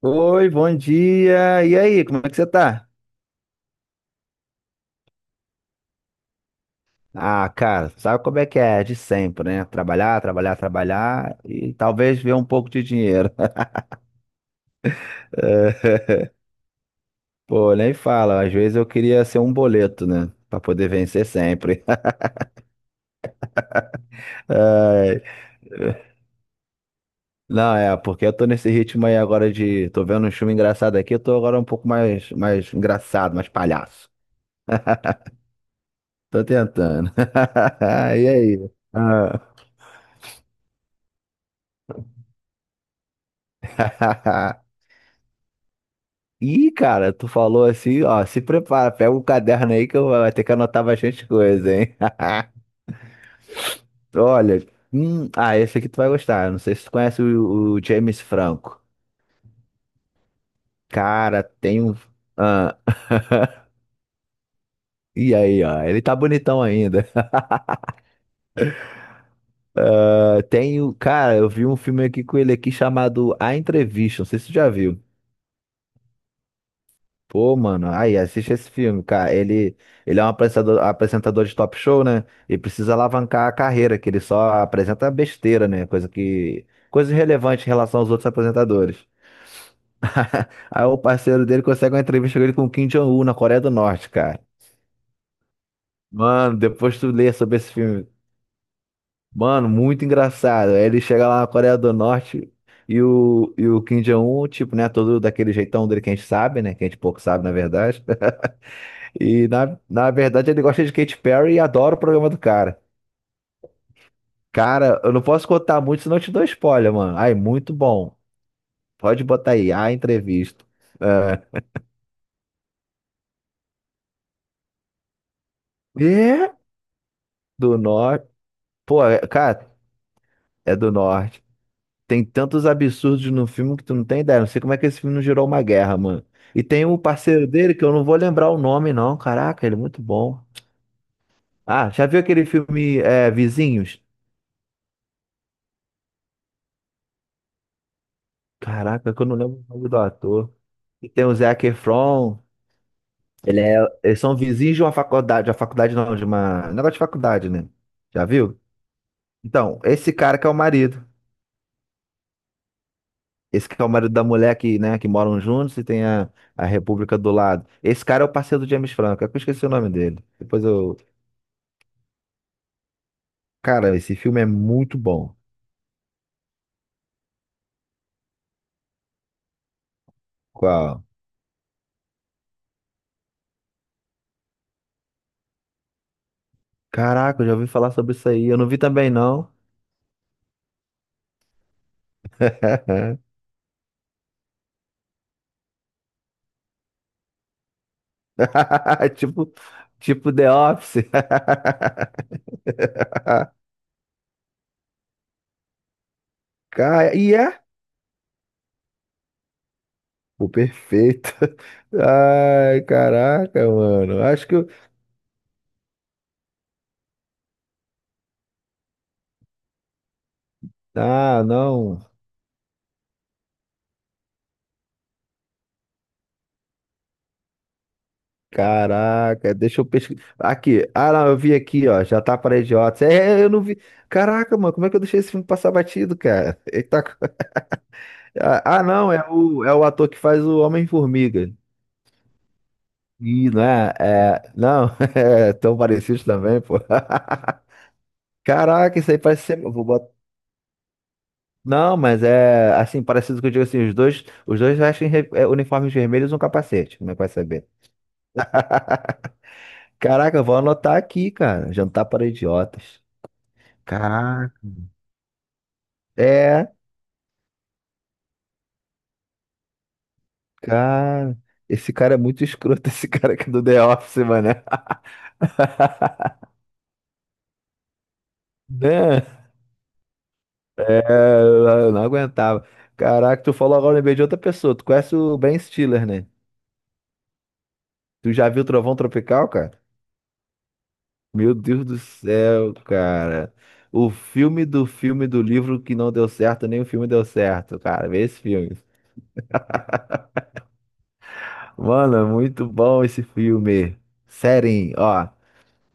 Oi, bom dia. E aí, como é que você tá? Ah, cara, sabe como é que é? De sempre, né? Trabalhar, trabalhar, trabalhar e talvez ver um pouco de dinheiro. Pô, nem fala. Às vezes eu queria ser um boleto, né? Pra poder vencer sempre. Ai, não, é, porque eu tô nesse ritmo aí agora de. Tô vendo um filme engraçado aqui, eu tô agora um pouco mais engraçado, mais palhaço. Tô tentando. E aí? Ah. Ih, cara, tu falou assim, ó, se prepara, pega o caderno aí que eu vou ter que anotar bastante coisa, hein? Olha, esse aqui tu vai gostar. Eu Não sei se tu conhece o James Franco. Cara, tem um. Ah, e aí, ó, ele tá bonitão ainda. Ah, tem o. Cara, eu vi um filme aqui com ele aqui chamado A Entrevista, não sei se tu já viu. Pô, mano, aí assiste esse filme, cara. Ele é um apresentador, apresentador de top show, né? E precisa alavancar a carreira, que ele só apresenta besteira, né? Coisa irrelevante em relação aos outros apresentadores. Aí o parceiro dele consegue uma entrevista com ele com o Kim Jong-un na Coreia do Norte, cara. Mano, depois tu lê sobre esse filme. Mano, muito engraçado. Aí ele chega lá na Coreia do Norte e o Kim Jong-un, tipo, né? Todo daquele jeitão dele que a gente sabe, né? Que a gente pouco sabe, na verdade. E na verdade ele gosta de Katy Perry e adora o programa do cara. Cara, eu não posso contar muito, senão eu te dou spoiler, mano. Ai, muito bom. Pode botar aí, a entrevista. É, é, do norte. Pô, cara, é do norte. Tem tantos absurdos no filme que tu não tem ideia. Não sei como é que esse filme não gerou uma guerra, mano. E tem um parceiro dele que eu não vou lembrar o nome, não. Caraca, ele é muito bom. Ah, já viu aquele filme é, Vizinhos? Caraca, que eu não lembro o nome do ator. E tem o Zac Efron. Ele é, eles são vizinhos de uma faculdade, a faculdade não, de uma, um negócio de faculdade, né? Já viu? Então, esse cara que é o marido, esse que é o marido da mulher que, né, que moram juntos e tem a República do lado. Esse cara é o parceiro do James Franco, é que eu esqueci o nome dele. Depois eu... Cara, esse filme é muito bom. Qual? Caraca, eu já ouvi falar sobre isso aí, eu não vi também não. Tipo, tipo The Office. Cara, e é o perfeito. Ai, caraca, mano. Acho que eu... Ah, não. Caraca, deixa eu pesquisar. Aqui. Ah, não, eu vi aqui, ó. Já tá para idiotas. Eu não vi. Caraca, mano, como é que eu deixei esse filme passar batido, cara? Ele tá... não, é o ator que faz o Homem-Formiga. Ih, não é? É, não, é tão parecido também, pô. Caraca, isso aí parece ser. Vou botar não, mas é assim, parecido com o que eu digo assim, os dois vestem uniformes vermelhos e um capacete, como é que vai saber? Caraca, eu vou anotar aqui, cara. Jantar para idiotas. Caraca. É, cara. Esse cara é muito escroto, esse cara aqui do The Office, mano. Né? É, eu não aguentava. Caraca, tu falou agora, eu lembrei de outra pessoa. Tu conhece o Ben Stiller, né? Tu já viu Trovão Tropical, cara? Meu Deus do céu, cara. O filme do livro que não deu certo, nem o filme deu certo, cara. Vê esse filme. Mano, é muito bom esse filme. Sério, ó.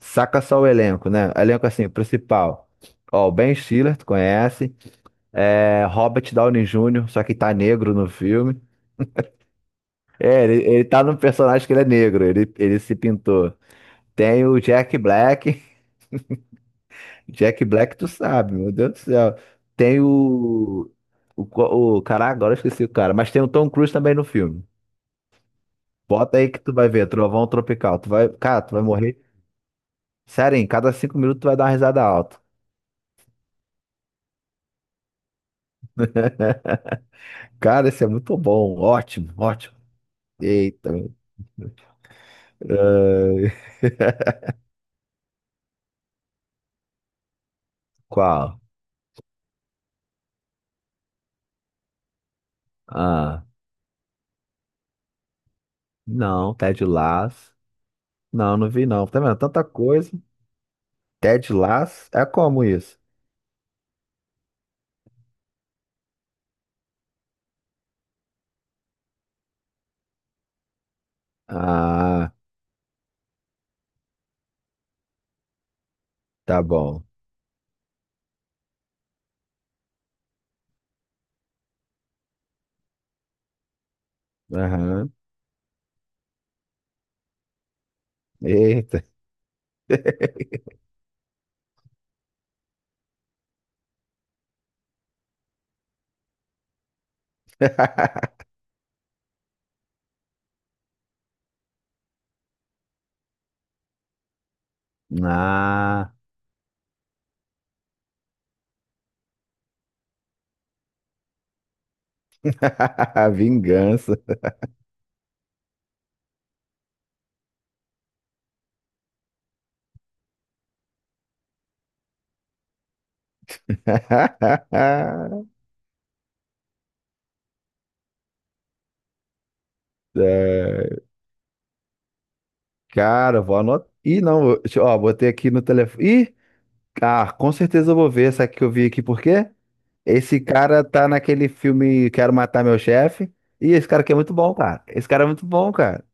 Saca só o elenco, né? Elenco assim, principal. Ó, o Ben Stiller, tu conhece. É, Robert Downey Jr., só que tá negro no filme. É, ele tá num personagem que ele é negro, ele se pintou. Tem o Jack Black. Jack Black, tu sabe, meu Deus do céu. Tem o. O cara, agora eu esqueci o cara, mas tem o Tom Cruise também no filme. Bota aí que tu vai ver, Trovão Tropical. Tu vai, cara, tu vai morrer. Sério, em cada cinco minutos tu vai dar uma risada alta. Cara, esse é muito bom. Ótimo, ótimo. Eita. Ah, Qual? Ah, não, Ted Lasso. Não, não vi não. Tá vendo? Tanta coisa. Ted Lasso? É como isso? Ah, tá bom. Aham. Eita. Ah, vingança. É, cara, vou anotar. Ih, não, eu- deixa eu- ó, botei aqui no telefone. Ih, ah, com certeza eu vou ver essa aqui que eu vi aqui, por quê? Esse cara tá naquele filme Quero Matar Meu Chefe. Ih, esse cara aqui é muito bom, cara. Esse cara é muito bom, cara.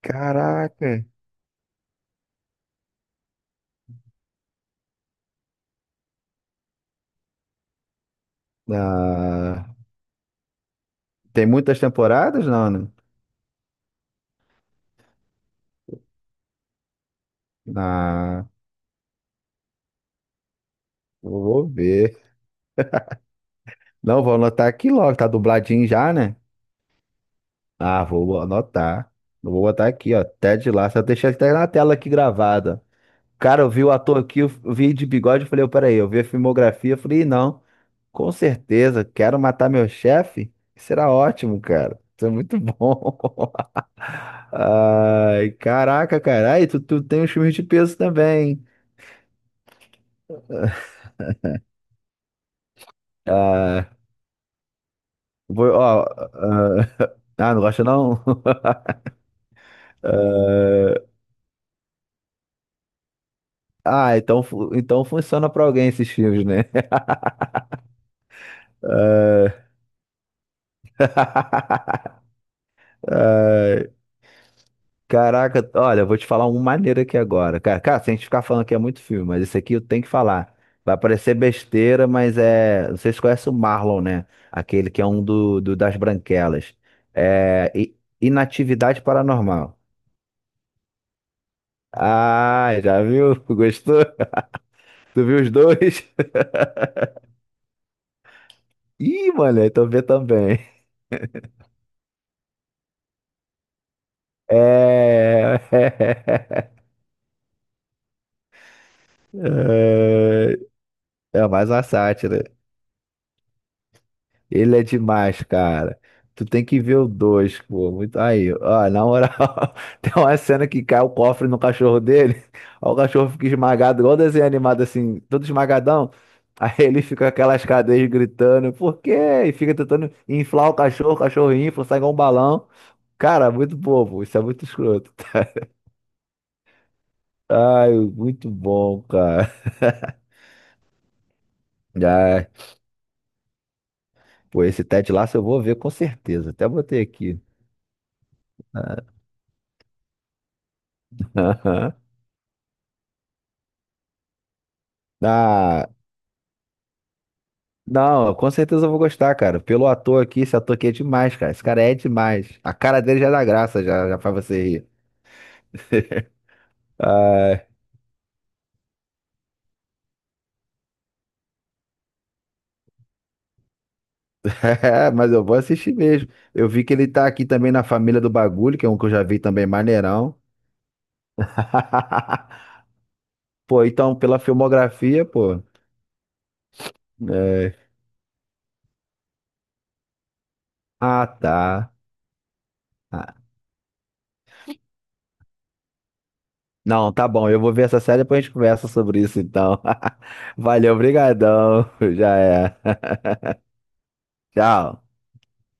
Caraca. Ah, tem muitas temporadas, não, né? Ah, vou ver. Não, vou anotar aqui logo, tá dubladinho já, né? Ah, vou anotar. Eu Vou botar aqui, ó. Ted Lasso. Eu deixei até na tela aqui gravada. Cara, eu vi o ator aqui, eu vi de bigode, eu falei, "Ô, peraí, eu vi a filmografia, eu falei, "Ih, não, com certeza, quero matar meu chefe. Será ótimo, cara. Isso é muito bom. Ai, caraca, cara. Aí, tu tem uns filmes de peso também. Ah, vou, ó, ah, ah, não gosta não? Ah, então, então funciona pra alguém esses filmes, né? Ah, Caraca, olha, eu vou te falar um maneiro aqui agora. Cara, se a gente ficar falando que é muito filme, mas esse aqui eu tenho que falar. Vai parecer besteira, mas é. Vocês conhecem o Marlon, né? Aquele que é um das Branquelas. É. Inatividade Paranormal. Ah, já viu? Gostou? Tu viu os dois? Ih, mano, então vê também. É. É, é mais uma sátira. Ele é demais, cara. Tu tem que ver o dois, pô. Muito... Aí, ó, na moral, tem uma cena que cai o cofre no cachorro dele. Ó, o cachorro fica esmagado, igual desenho animado, assim, todo esmagadão. Aí ele fica com aquelas cadeias gritando, por quê? E fica tentando inflar o cachorro infla, sai igual um balão. Cara, muito bobo, isso é muito escroto. Ai, muito bom, cara. Ai, pô, esse Ted Lasso eu vou ver com certeza. Até botei aqui. Ah, não, com certeza eu vou gostar, cara. Pelo ator aqui, esse ator aqui é demais, cara. Esse cara é demais. A cara dele já dá graça, já, já faz você rir. Ah, mas eu vou assistir mesmo. Eu vi que ele tá aqui também na Família do Bagulho, que é um que eu já vi também, maneirão. Pô, então, pela filmografia, pô. É. Ah, tá. Ah, não, tá bom. Eu vou ver essa série e depois a gente conversa sobre isso, então. Valeu, brigadão. Já é. Tchau.